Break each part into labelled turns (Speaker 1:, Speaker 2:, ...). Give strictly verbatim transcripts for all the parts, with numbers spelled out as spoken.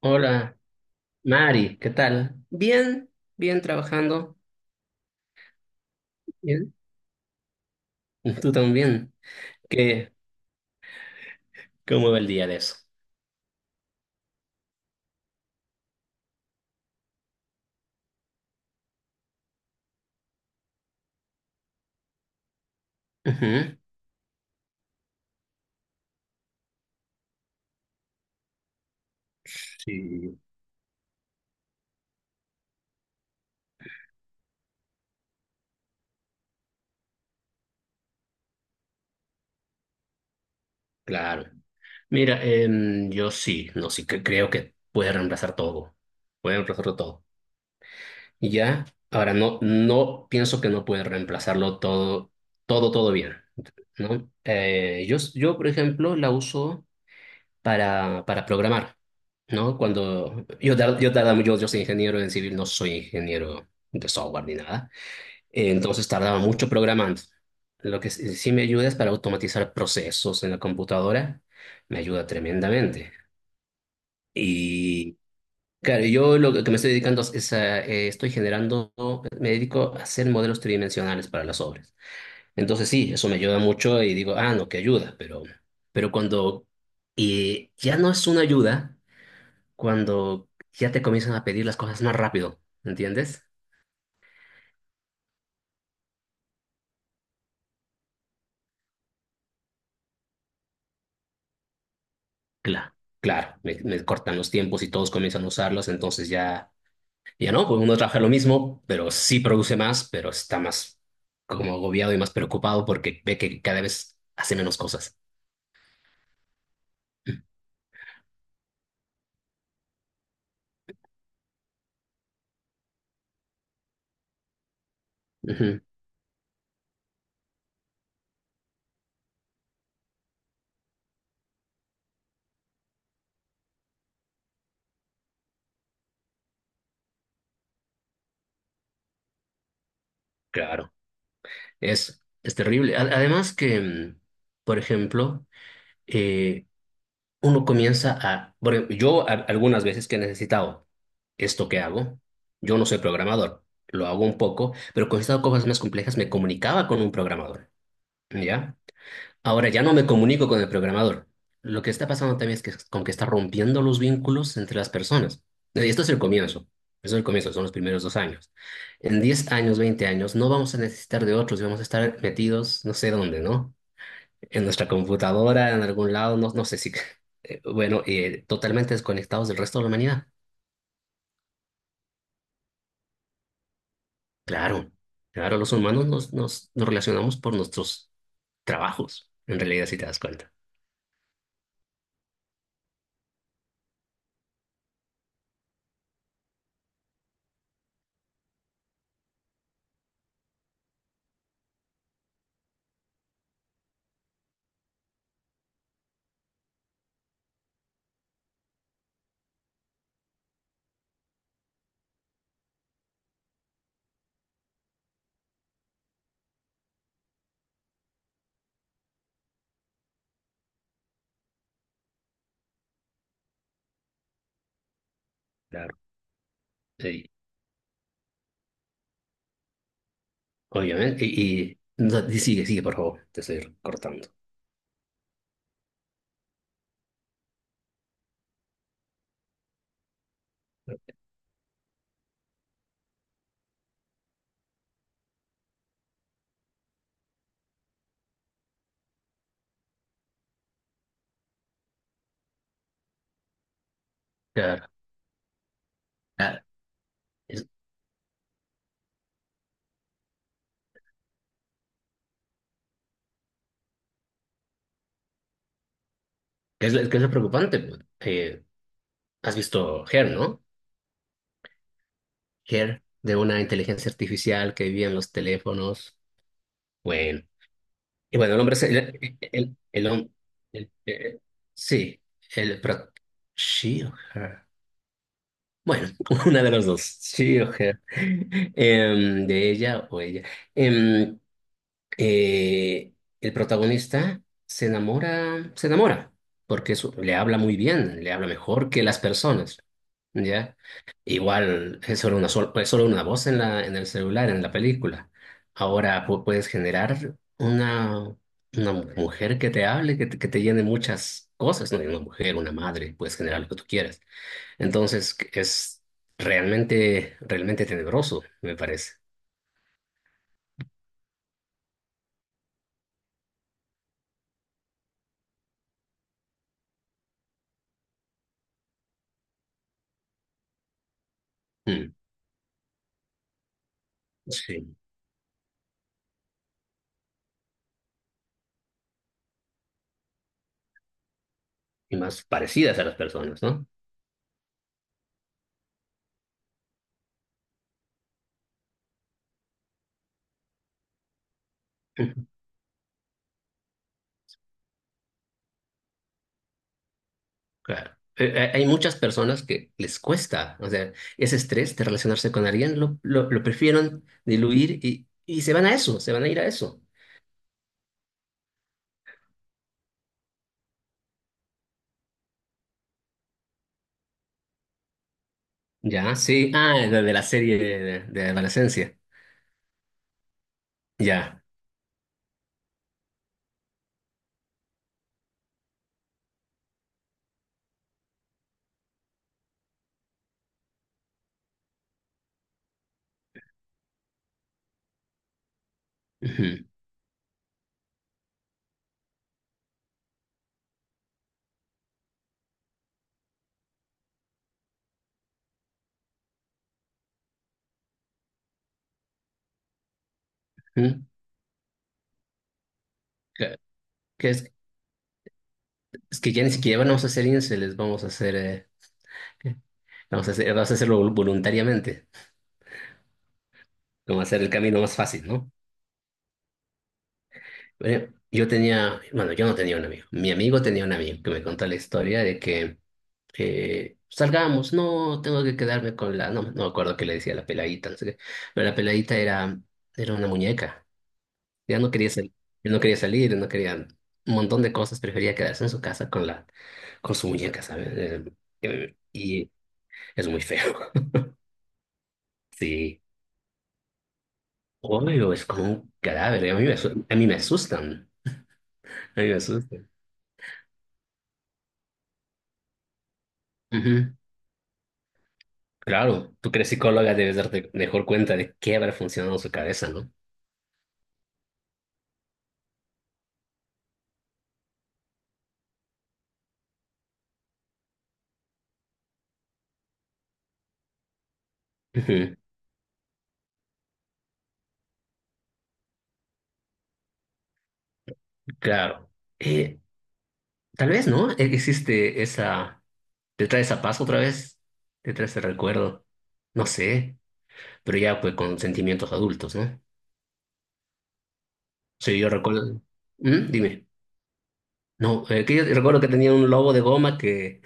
Speaker 1: Hola, Mari, ¿qué tal? Bien, bien trabajando. Bien. ¿Tú también? ¿Qué, cómo va el día de eso? Ujú. Sí, claro. Mira, em, yo sí, no sí, que creo que puede reemplazar todo. Puede reemplazarlo todo. Y ya, ahora no, no pienso que no puede reemplazarlo todo, todo, todo bien, ¿no? Eh, yo, yo, por ejemplo, la uso para, para programar, ¿no? Cuando yo, tar- yo tardaba, yo, yo soy ingeniero en civil, no soy ingeniero de software ni nada. Eh, entonces tardaba mucho programando. Lo que sí sí me ayuda es para automatizar procesos en la computadora, me ayuda tremendamente. Y claro, yo lo que me estoy dedicando es a, eh, estoy generando, me dedico a hacer modelos tridimensionales para las obras. Entonces sí, eso me ayuda mucho y digo, ah, no, que ayuda, pero, pero cuando eh, ya no es una ayuda, cuando ya te comienzan a pedir las cosas más rápido, ¿entiendes? Claro, claro, me, me cortan los tiempos y todos comienzan a usarlos, entonces ya, ya no, pues uno trabaja lo mismo, pero sí produce más, pero está más como agobiado y más preocupado porque ve que cada vez hace menos cosas. Ujú. Claro, es, es terrible. A- Además que, mm, por ejemplo, eh, uno comienza a, bueno, yo a- algunas veces que he necesitado esto que hago. Yo no soy programador, lo hago un poco, pero cuando he estado cosas más complejas me comunicaba con un programador, ¿ya? Ahora ya no me comunico con el programador. Lo que está pasando también es que con que está rompiendo los vínculos entre las personas. Y esto es el comienzo. Eso es el comienzo, son los primeros dos años. En diez años, veinte años, no vamos a necesitar de otros y vamos a estar metidos no sé dónde, ¿no? En nuestra computadora, en algún lado, no, no sé si, eh, bueno, eh, totalmente desconectados del resto de la humanidad. Claro, claro, los humanos nos, nos, nos relacionamos por nuestros trabajos, en realidad, si te das cuenta. Claro. Sí, obviamente. Y, y- no, di- sigue, sigue, por favor, te estoy cortando. Claro. Ah, es, ¿qué es, lo qué es lo preocupante pues? Eh, ¿has visto Her, ¿no? Her, de una inteligencia artificial que vivía en los teléfonos. Bueno, y bueno, el hombre se- el, el, el hom- el- eh, sí, el, pero, ¿she o her? Bueno, una de las dos, sí, o sea, em, de ella o ella. Em, eh, el protagonista se enamora, se enamora, porque eso, le habla muy bien, le habla mejor que las personas, ¿ya? Igual es solo una, sol- es solo una voz en la, en el celular, en la película. Ahora pu- puedes generar una, una mujer que te hable, que te, que te llene muchas cosas, ¿no? Una mujer, una madre, puedes generar lo que tú quieras. Entonces es realmente, realmente tenebroso, me parece. Mm, sí, y más parecidas a las personas, ¿no? Ujú. Claro. Eh, eh, hay muchas personas que les cuesta, o sea, ese estrés de relacionarse con alguien lo, lo, lo prefieren diluir y, y se van a eso, se van a ir a eso. Ya, sí. Ah, de, de la serie de, de adolescencia. Ya. Ujú, ujú. Que, que es, es que ya ni siquiera vamos a hacer se les vamos a hacer, eh, vamos a hacer, vamos a hacerlo vol- voluntariamente. Como hacer el camino más fácil, ¿no? Bueno, yo tenía, bueno, yo no tenía un amigo. Mi amigo tenía un amigo que me contó la historia de que eh, salgamos, no, tengo que quedarme con la, no, no me acuerdo qué le decía la peladita, no sé qué, pero la peladita era, era una muñeca. Ya no quería salir, no quería salir, no quería un montón de cosas, prefería quedarse en su casa con la, con su muñeca, ¿sabes? Eh, eh, y es muy feo. Sí, obvio, es como un cadáver. A mí me, asu- a mí me asustan. A mí me asustan. Ujú. Claro, tú que eres psicóloga debes darte mejor cuenta de qué habrá funcionado en su cabeza, ¿no? Ujú. Claro. Eh, tal vez, ¿no? E- Existe esa... ¿Te trae esa paz otra vez? ¿Te trae ese recuerdo? No sé, pero ya pues con sentimientos adultos, ¿no? Sí, yo recuerdo... ¿Mm? Dime. No, eh, que yo recuerdo que tenía un lobo de goma que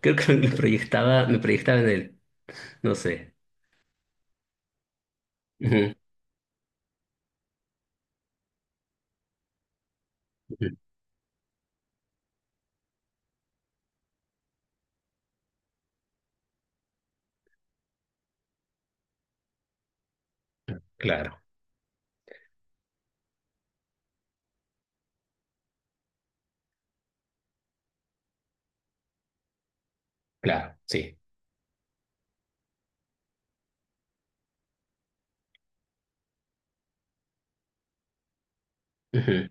Speaker 1: creo que me proyectaba, me proyectaba en él. No sé. Ujú, ujú. Claro, claro, sí. Ujú.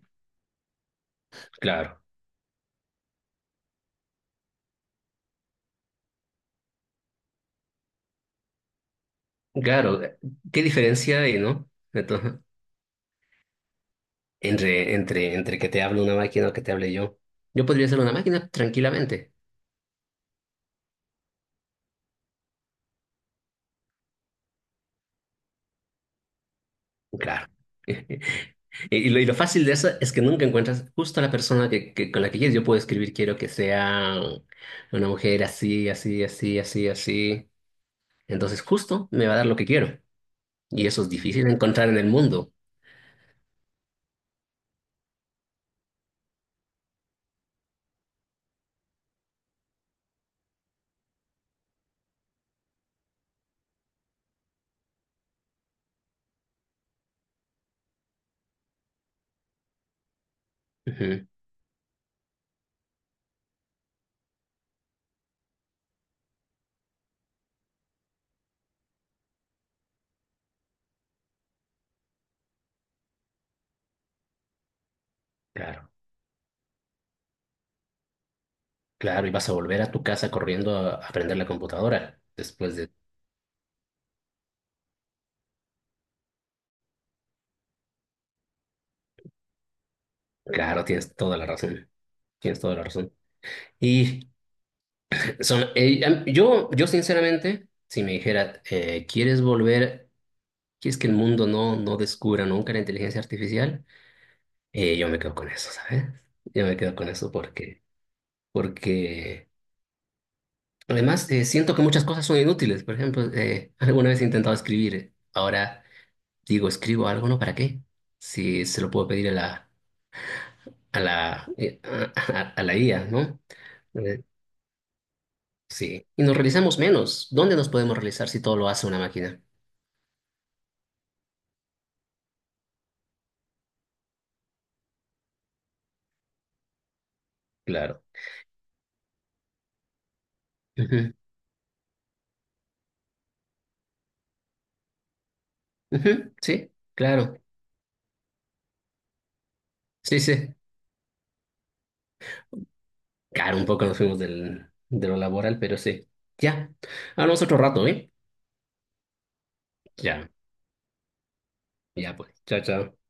Speaker 1: Claro. Claro, eh, ¿qué diferencia hay, no? Entonces, entre, entre, entre que te hable una máquina o que te hable yo. Yo podría ser una máquina tranquilamente, claro. Y lo, y lo fácil de eso es que nunca encuentras justo a la persona que, que- con la que quieres. Yo puedo escribir, quiero que sea una mujer así, así, así, así, así. Entonces justo me va a dar lo que quiero. Y eso es difícil de encontrar en el mundo. Ujú. Claro, claro. Y vas a volver a tu casa corriendo a aprender la computadora. Después de... Claro, tienes toda la razón. Tienes toda la razón. Y son, eh, am- yo, yo sinceramente, si me dijera, eh, ¿quieres volver? ¿Quieres que el mundo no, no descubra nunca la inteligencia artificial? Eh, yo me quedo con eso, ¿sabes? Yo me quedo con eso porque, porque además eh, siento que muchas cosas son inútiles. Por ejemplo, eh, alguna vez he intentado escribir. Ahora digo, ¿escribo algo? ¿No? ¿Para qué? Si se lo puedo pedir a la, a la, eh, a, a- a la I A, ¿no? Eh, sí, y nos realizamos menos. ¿Dónde nos podemos realizar si todo lo hace una máquina? Claro. Ujú, ujú. Sí, claro. Sí, sí. Claro, un poco nos fuimos del, de lo laboral, pero sí. Ya. Hablamos otro rato, ¿eh? Ya, ya pues. Chao, chao.